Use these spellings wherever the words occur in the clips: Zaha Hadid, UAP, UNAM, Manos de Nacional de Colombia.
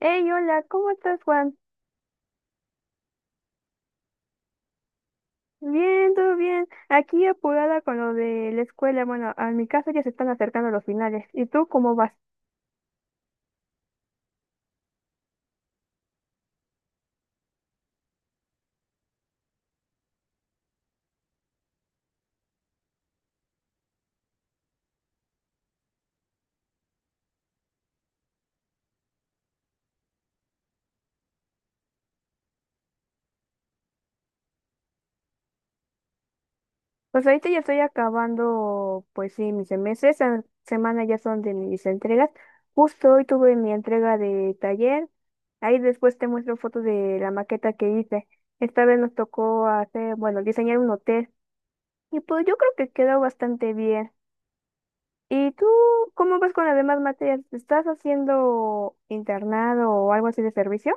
Hey, hola, ¿cómo estás, Juan? Bien, todo bien. Aquí apurada con lo de la escuela. Bueno, a mi caso ya se están acercando los finales. ¿Y tú cómo vas? Pues ahorita ya estoy acabando, pues sí, mis semestres. Esta semana ya son de mis entregas. Justo hoy tuve mi entrega de taller. Ahí después te muestro fotos de la maqueta que hice. Esta vez nos tocó hacer, bueno, diseñar un hotel. Y pues yo creo que quedó bastante bien. ¿Y tú cómo vas con las demás materias? ¿Estás haciendo internado o algo así de servicio?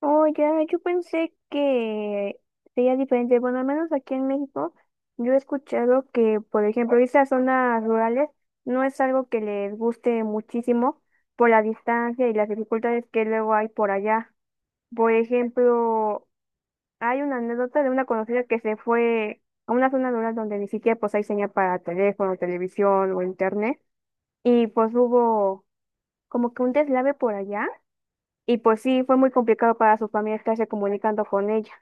Oh, ya, yo pensé que sería diferente. Bueno, al menos aquí en México, yo he escuchado que, por ejemplo, irse a zonas rurales no es algo que les guste muchísimo por la distancia y las dificultades que luego hay por allá. Por ejemplo, hay una anécdota de una conocida que se fue a una zona rural donde ni siquiera pues hay señal para teléfono, televisión o internet, y pues hubo como que un deslave por allá y pues sí, fue muy complicado para sus familia estarse comunicando con ella.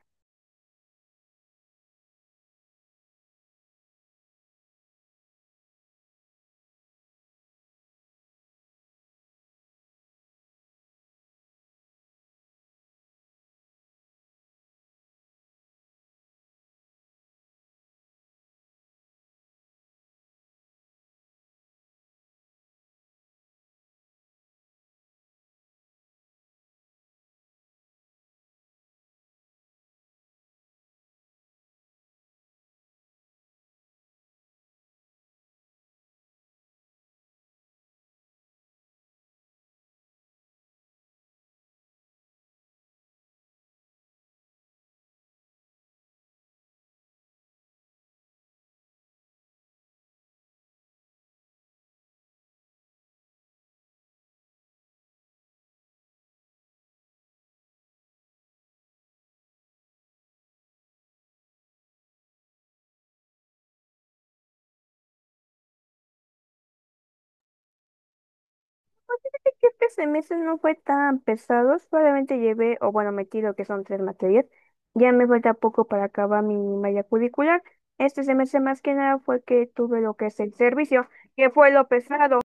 Fíjate que este semestre no fue tan pesado, solamente llevé, o bueno, metido que son tres materias, ya me falta poco para acabar mi malla curricular. Este semestre más que nada fue que tuve lo que es el servicio, que fue lo pesado.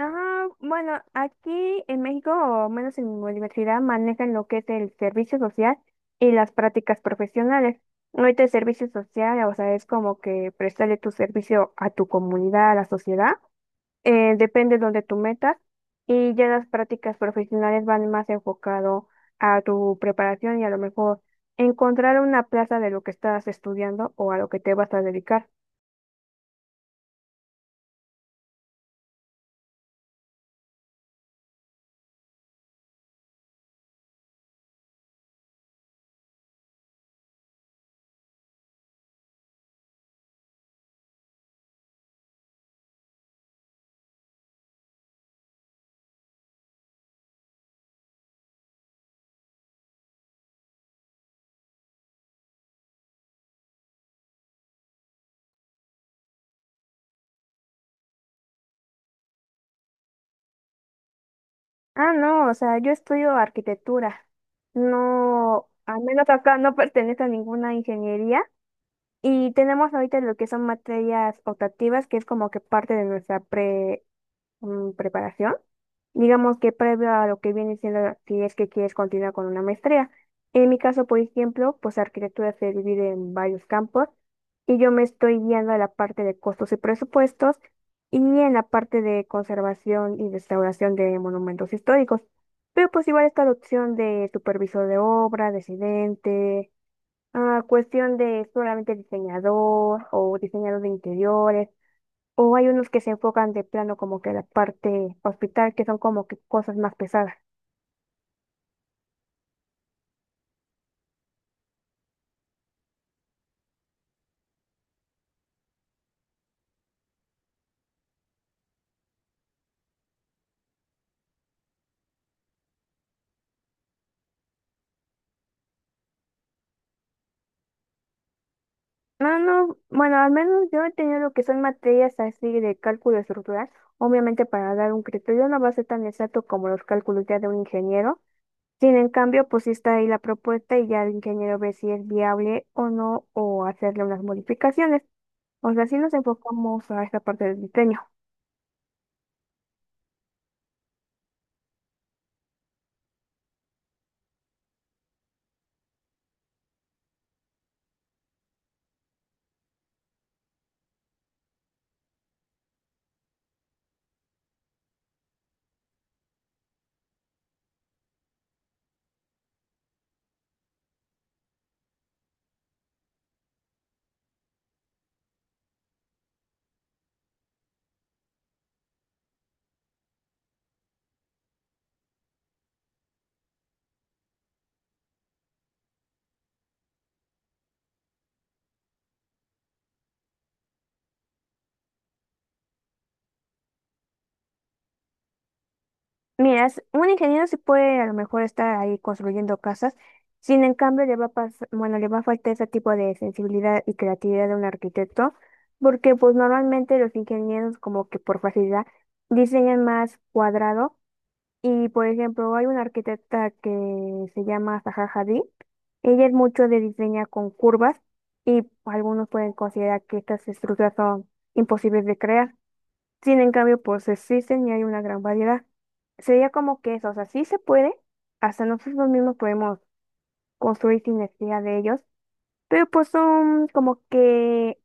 Ah, bueno, aquí en México, o menos en mi universidad, manejan lo que es el servicio social y las prácticas profesionales. Ahorita el servicio social, o sea, es como que prestarle tu servicio a tu comunidad, a la sociedad, depende de donde tú metas, y ya las prácticas profesionales van más enfocado a tu preparación y a lo mejor encontrar una plaza de lo que estás estudiando o a lo que te vas a dedicar. Ah, no, o sea, yo estudio arquitectura. No, al menos acá no pertenece a ninguna ingeniería. Y tenemos ahorita lo que son materias optativas, que es como que parte de nuestra preparación. Digamos que previo a lo que viene siendo si es que quieres continuar con una maestría. En mi caso, por ejemplo, pues arquitectura se divide en varios campos y yo me estoy guiando a la parte de costos y presupuestos y en la parte de conservación y restauración de monumentos históricos. Pero pues igual está la opción de supervisor de obra, residente, ah, cuestión de solamente diseñador o diseñador de interiores. O hay unos que se enfocan de plano como que la parte hospital, que son como que cosas más pesadas. No, no, bueno, al menos yo he tenido lo que son materias así de cálculo estructural, obviamente para dar un criterio no va a ser tan exacto como los cálculos ya de un ingeniero. Sin en cambio, pues sí está ahí la propuesta y ya el ingeniero ve si es viable o no, o hacerle unas modificaciones. O sea, sí nos enfocamos a esta parte del diseño. Mira, un ingeniero sí puede a lo mejor estar ahí construyendo casas, sin en cambio le va a pas- bueno, le va a faltar ese tipo de sensibilidad y creatividad de un arquitecto, porque pues normalmente los ingenieros como que por facilidad diseñan más cuadrado y por ejemplo hay una arquitecta que se llama Zaha Hadid, ella es mucho de diseñar con curvas y algunos pueden considerar que estas estructuras son imposibles de crear. Sin en cambio, pues existen y hay una gran variedad. Sería como que eso, o sea, sí se puede, hasta nosotros mismos podemos construir sin necesidad de ellos, pero pues son como que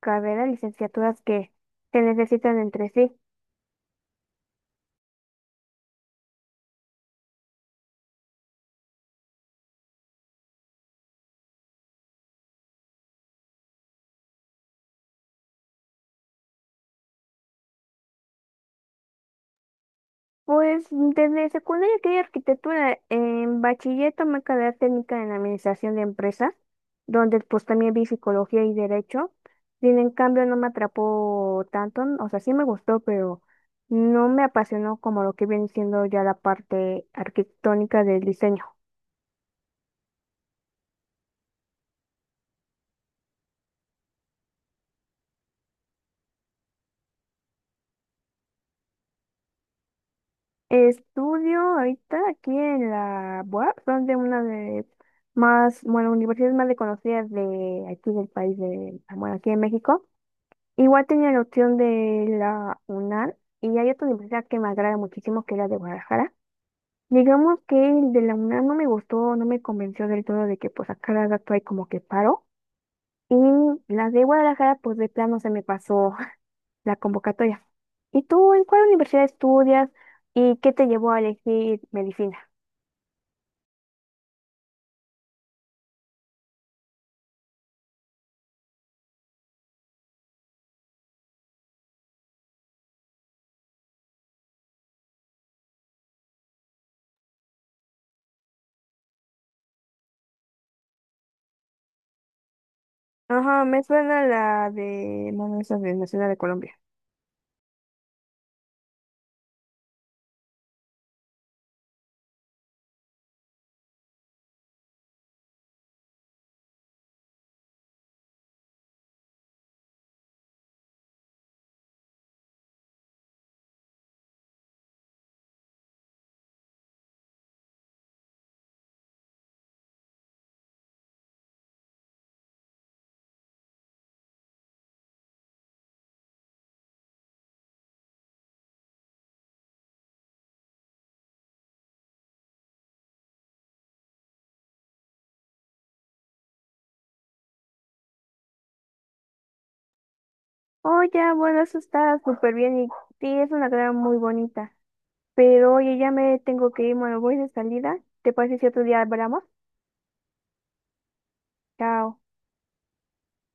carreras, licenciaturas que se necesitan entre sí. Pues desde secundaria quería arquitectura. En bachiller tomé carrera técnica en administración de empresas, donde pues también vi psicología y derecho. Sin en cambio no me atrapó tanto, o sea, sí me gustó, pero no me apasionó como lo que viene siendo ya la parte arquitectónica del diseño. Estudio ahorita aquí en la UAP, son de una de más, bueno, universidades más reconocidas de aquí del país, de, bueno, aquí en México. Igual tenía la opción de la UNAM y hay otra universidad que me agrada muchísimo que es la de Guadalajara. Digamos que el de la UNAM no me gustó, no me convenció del todo de que pues a cada rato hay como que paro. Y la de Guadalajara pues de plano se me pasó la convocatoria. ¿Y tú en cuál universidad estudias y qué te llevó a elegir medicina? Ajá, me suena la de Manos de Nacional de Colombia. Oh, ya, bueno, eso está súper bien y sí, es una carrera muy bonita. Pero oye, ya me tengo que ir, bueno, voy de salida. ¿Te parece si otro día hablamos? Chao.